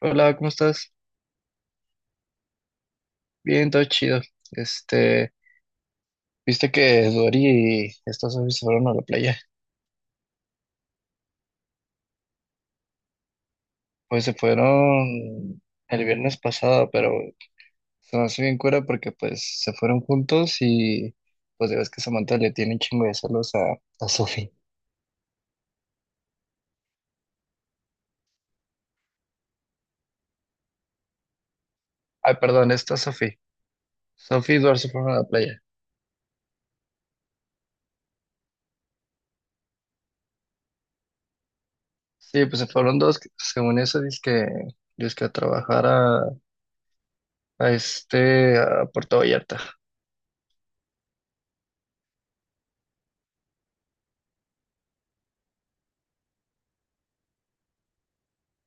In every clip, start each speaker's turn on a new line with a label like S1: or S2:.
S1: Hola, ¿cómo estás? Bien, todo chido. Este, viste que Dori y estos hombres se fueron a la playa. Pues se fueron el viernes pasado, pero se me hace bien cura porque pues se fueron juntos y pues ya ves que Samantha le tiene un chingo de celos a Sophie. Ay, perdón, esta Sophie. Sophie y Eduardo se fueron a la playa. Sí, pues se fueron dos, que según eso, dice que a trabajar a Puerto Vallarta.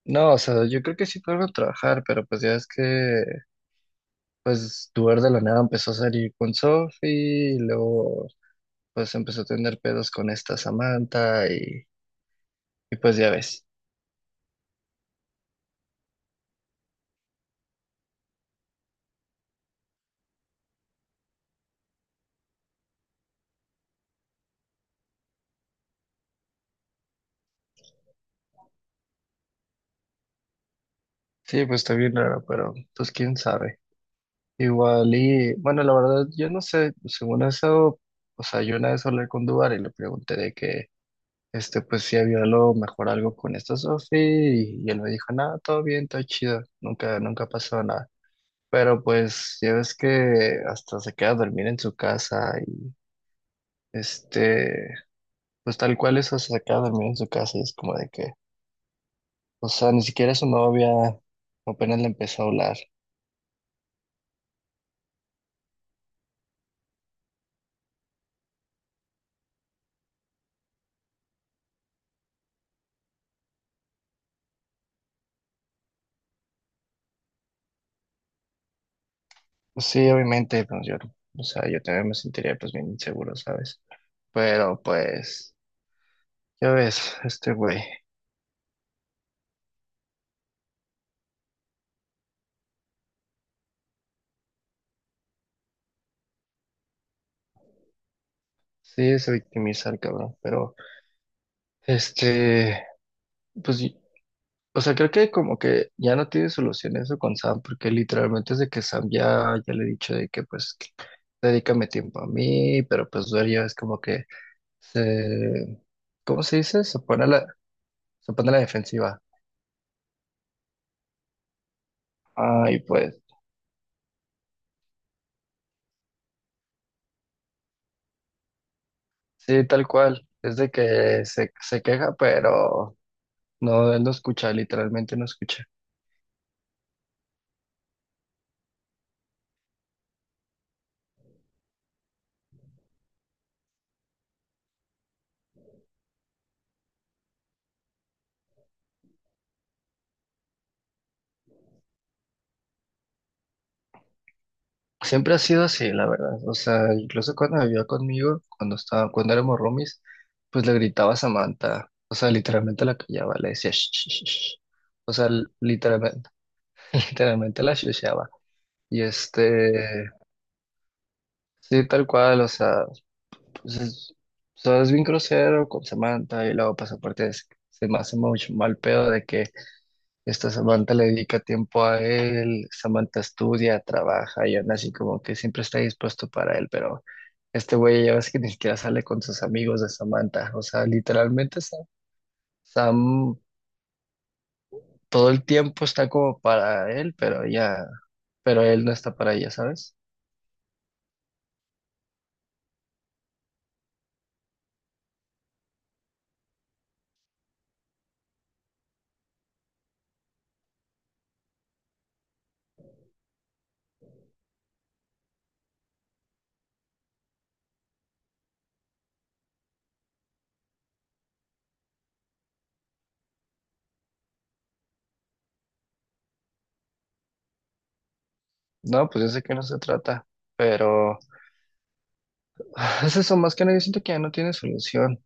S1: No, o sea, yo creo que sí fueron a trabajar, pero pues ya es que pues Duer de la nada empezó a salir con Sophie y luego pues empezó a tener pedos con esta Samantha y pues ya ves. Sí, pues está bien raro, pero pues quién sabe. Igual y bueno, la verdad yo no sé, según eso, o sea, yo una vez hablé con Duar y le pregunté de que pues si había a lo mejor algo con esta Sophie y él me dijo, nada, todo bien, todo chido, nunca, nunca pasó nada. Pero pues ya ves que hasta se queda a dormir en su casa y este Pues tal cual eso se acaba de dormir en su casa y es como de que, o sea, ni siquiera su novia apenas le empezó a hablar. Pues sí, obviamente, pues yo, o sea, yo también me sentiría pues bien inseguro, ¿sabes? Pero pues, ya ves, este güey, sí se victimiza el cabrón, pero este, pues, o sea, creo que como que ya no tiene solución eso con Sam, porque literalmente desde que Sam ya, ya le he dicho de que pues, dedícame tiempo a mí, pero pues Duer ya es como que se, ¿cómo se dice? Se pone a la defensiva. Ay, pues, sí, tal cual. Es de que se queja, pero no, él no escucha, literalmente no escucha. Siempre ha sido así, la verdad. O sea, incluso cuando vivía conmigo, cuando éramos roomies, pues le gritaba a Samantha. O sea, literalmente la callaba, le decía "Shh, shh, shh, shh". O sea, literalmente, literalmente la shusheaba. Y sí, tal cual, o sea. Entonces, solo es bien grosero con Samantha y luego, pues aparte se me hace mucho mal pedo de que esta Samantha le dedica tiempo a él, Samantha estudia, trabaja y aún así como que siempre está dispuesto para él, pero este güey ya ves que ni siquiera sale con sus amigos de Samantha, o sea, literalmente Sam todo el tiempo está como para él, pero ella, pero él no está para ella, ¿sabes? No, pues yo sé que no se trata, pero es eso, más que nada, yo siento que ya no tiene solución.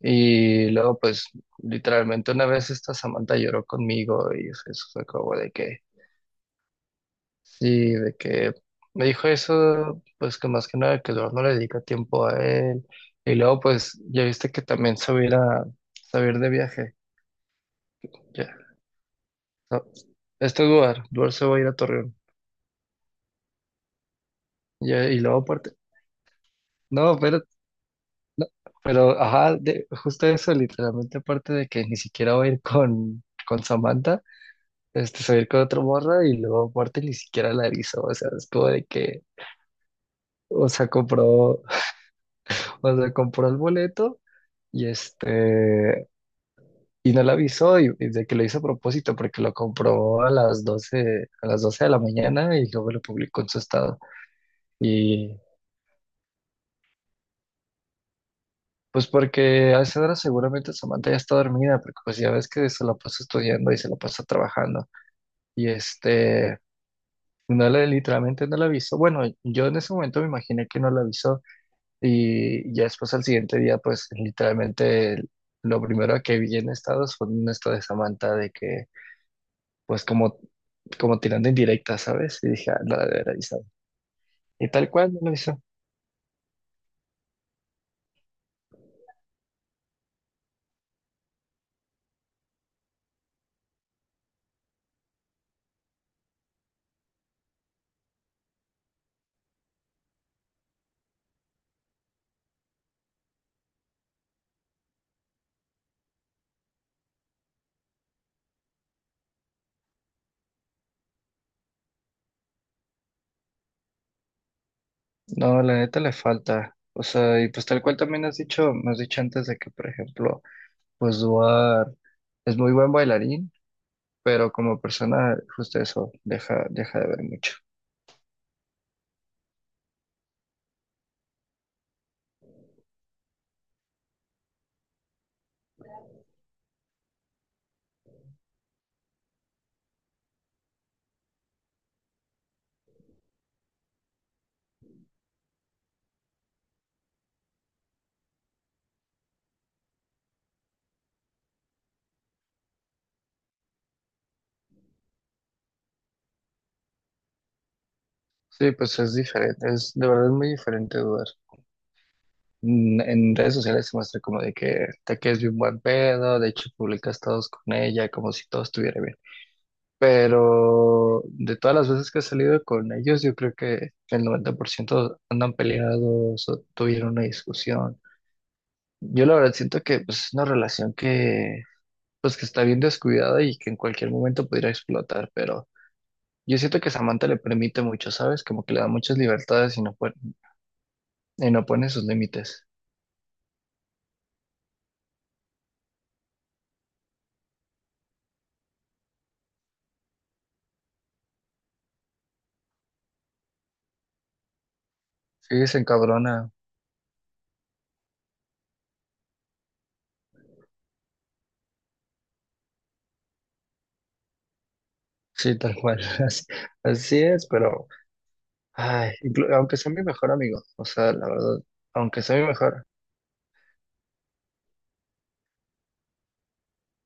S1: Y luego, pues, literalmente una vez esta Samantha lloró conmigo y eso fue como de que, sí, de que me dijo eso, pues que más que nada que luego no le dedica tiempo a él. Y luego, pues, ya viste que también se va a ir de viaje. Ya, no, Duar se va a ir a Torreón. Ya, y luego aparte, no, pero, ajá, justo eso, literalmente aparte de que ni siquiera va a ir con Samantha. Salir con otra morra y luego aparte ni siquiera la avisó, o sea, es como de que, o sea, compró, o sea, compró el boleto y este, y no la avisó y de que lo hizo a propósito porque lo compró a las doce de la mañana y luego lo publicó en su estado. Y pues porque a esa hora seguramente Samantha ya está dormida, porque pues ya ves que se la pasa estudiando y se la pasa trabajando. Y este... Literalmente no la avisó. Bueno, yo en ese momento me imaginé que no la avisó, y ya después al siguiente día, pues literalmente lo primero que vi en estados fue un estado de Samantha de que, pues como tirando indirecta, ¿sabes? Y dije, ah, no la debe haber avisado. Y tal cual no lo hizo. No, la neta le falta. O sea, y pues tal cual también has dicho, me has dicho antes de que, por ejemplo, pues Duar es muy buen bailarín, pero como persona, justo eso, deja de ver mucho. Sí, pues es diferente, es de verdad es muy diferente Duar. En redes sociales se muestra como de que te quedes bien buen pedo, de hecho publicas todos con ella, como si todo estuviera bien. Pero de todas las veces que he salido con ellos, yo creo que el 90% andan peleados o tuvieron una discusión. Yo la verdad siento que pues, es una relación que, pues, que está bien descuidada y que en cualquier momento pudiera explotar, pero yo siento que Samantha le permite mucho, ¿sabes? Como que le da muchas libertades y no pone sus límites. Sí, se encabrona. Sí, tal cual. Así, así es, pero ay, aunque sea mi mejor amigo, o sea, la verdad, aunque sea mi mejor,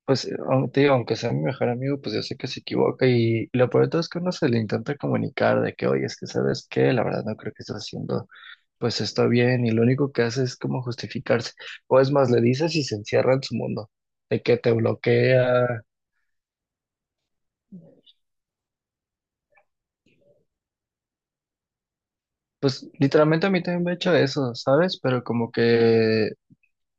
S1: pues aun- te digo, aunque sea mi mejor amigo, pues yo sé que se equivoca y lo peor de todo es que uno se le intenta comunicar de que, oye, es que sabes qué, la verdad no creo que estés haciendo pues está bien y lo único que hace es como justificarse. O es más, le dices y se encierra en su mundo, de que te bloquea. Pues literalmente a mí también me ha hecho eso, ¿sabes? Pero como que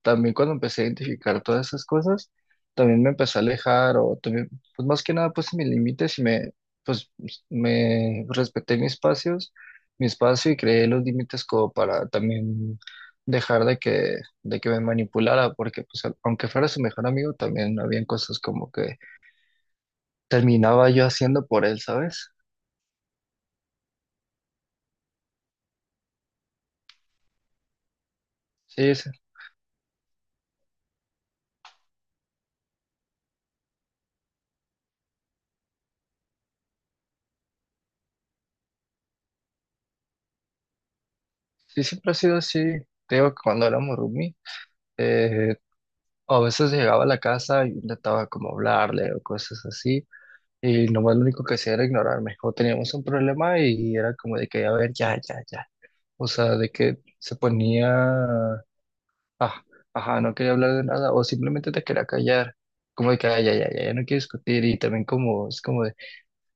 S1: también cuando empecé a identificar todas esas cosas, también me empecé a alejar o también, pues más que nada puse mis límites y pues me respeté mis espacios, mi espacio y creé los límites como para también dejar de que me manipulara, porque pues aunque fuera su mejor amigo, también habían cosas como que terminaba yo haciendo por él, ¿sabes? Sí, sí, sí, siempre ha sido así, te digo que cuando éramos roomie, eh, a veces llegaba a la casa y intentaba como hablarle o cosas así, y nomás lo único que hacía era ignorarme. O teníamos un problema y era como de que, a ver, ya, ya, ya. O sea, de que se ponía, ah, ajá, no quería hablar de nada. O simplemente te quería callar. Como de que, "Ah, ya, ya, ya, ya no quiero discutir." Y también como, es como de,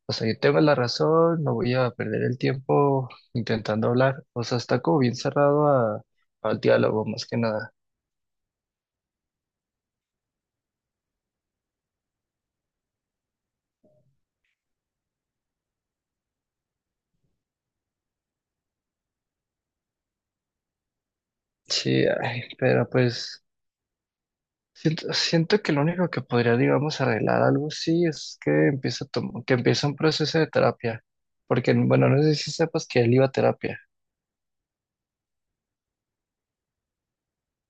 S1: o sea, yo tengo la razón, no voy a perder el tiempo intentando hablar. O sea, está como bien cerrado al diálogo, más que nada. Sí, ay, pero pues. Siento que lo único que podría, digamos, arreglar algo así es que que empiece un proceso de terapia. Porque, bueno, no sé si sepas que él iba a terapia.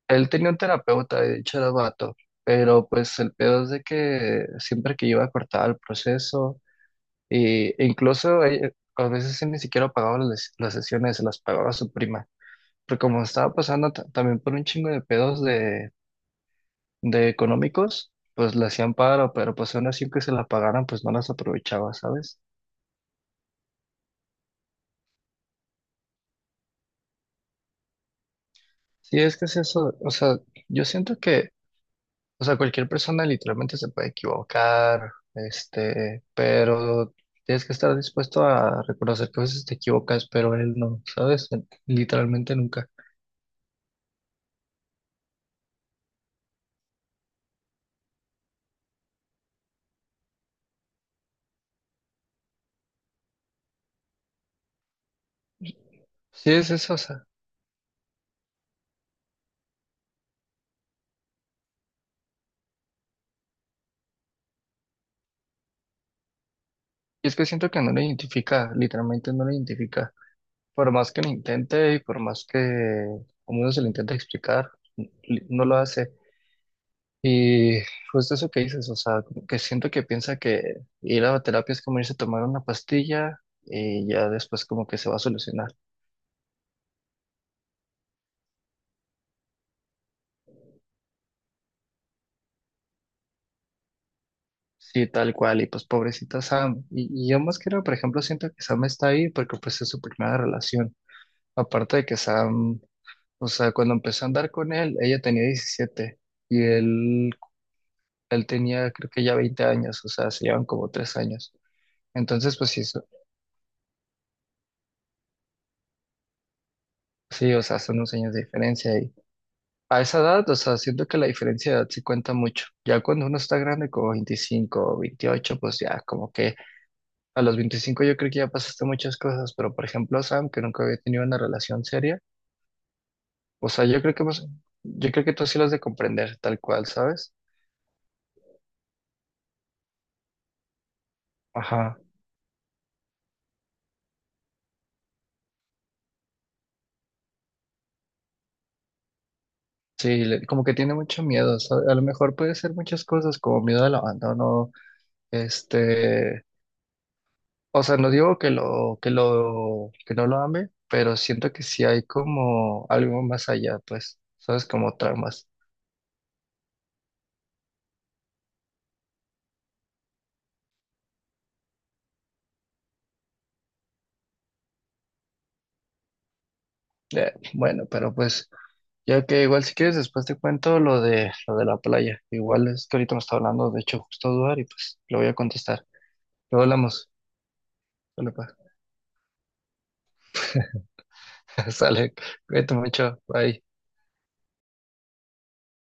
S1: Él tenía un terapeuta, de hecho era vato, pero pues el pedo es de que siempre que iba cortaba el proceso e incluso a veces él ni siquiera pagaba las sesiones, se las pagaba a su prima. Pero como estaba pasando también por un chingo de pedos de económicos, pues le hacían paro, pero pues aún así que se la pagaran, pues no las aprovechaba, ¿sabes? Sí, es que es eso, o sea, yo siento que, o sea, cualquier persona literalmente se puede equivocar, pero tienes que estar dispuesto a reconocer que a veces te equivocas, pero él no, ¿sabes? Literalmente nunca. Sí, es eso, o sea, y es que siento que no lo identifica, literalmente no lo identifica, por más que lo intente y por más que, como uno se lo intenta explicar, no lo hace. Y justo eso que dices, o sea, como que siento que piensa que ir a terapia es como irse a tomar una pastilla y ya después como que se va a solucionar. Sí, tal cual, y pues pobrecita Sam. Y yo más que nada, por ejemplo, siento que Sam está ahí porque pues es su primera relación. Aparte de que Sam, o sea, cuando empezó a andar con él, ella tenía 17 y él tenía creo que ya 20 años, o sea, se llevan como 3 años. Entonces, pues sí, sí, o sea, son unos años de diferencia. A esa edad, o sea, siento que la diferencia de edad sí cuenta mucho. Ya cuando uno está grande, como 25, o 28, pues ya como que a los 25 yo creo que ya pasaste muchas cosas, pero por ejemplo, Sam, que nunca había tenido una relación seria, o sea, yo creo que yo creo que tú sí lo has de comprender tal cual, ¿sabes? Ajá. Sí, como que tiene mucho miedo, ¿sabes? A lo mejor puede ser muchas cosas, como miedo al abandono, este, O sea, no digo que que no lo ame, pero siento que sí hay como algo más allá, pues, sabes, como tramas. Bueno, pero pues, ya que igual si quieres después te cuento lo de la playa. Igual es que ahorita me está hablando, de hecho, justo Duar, y pues lo voy a contestar. Luego hablamos. Sale, pues. Sale, cuídate mucho, bye.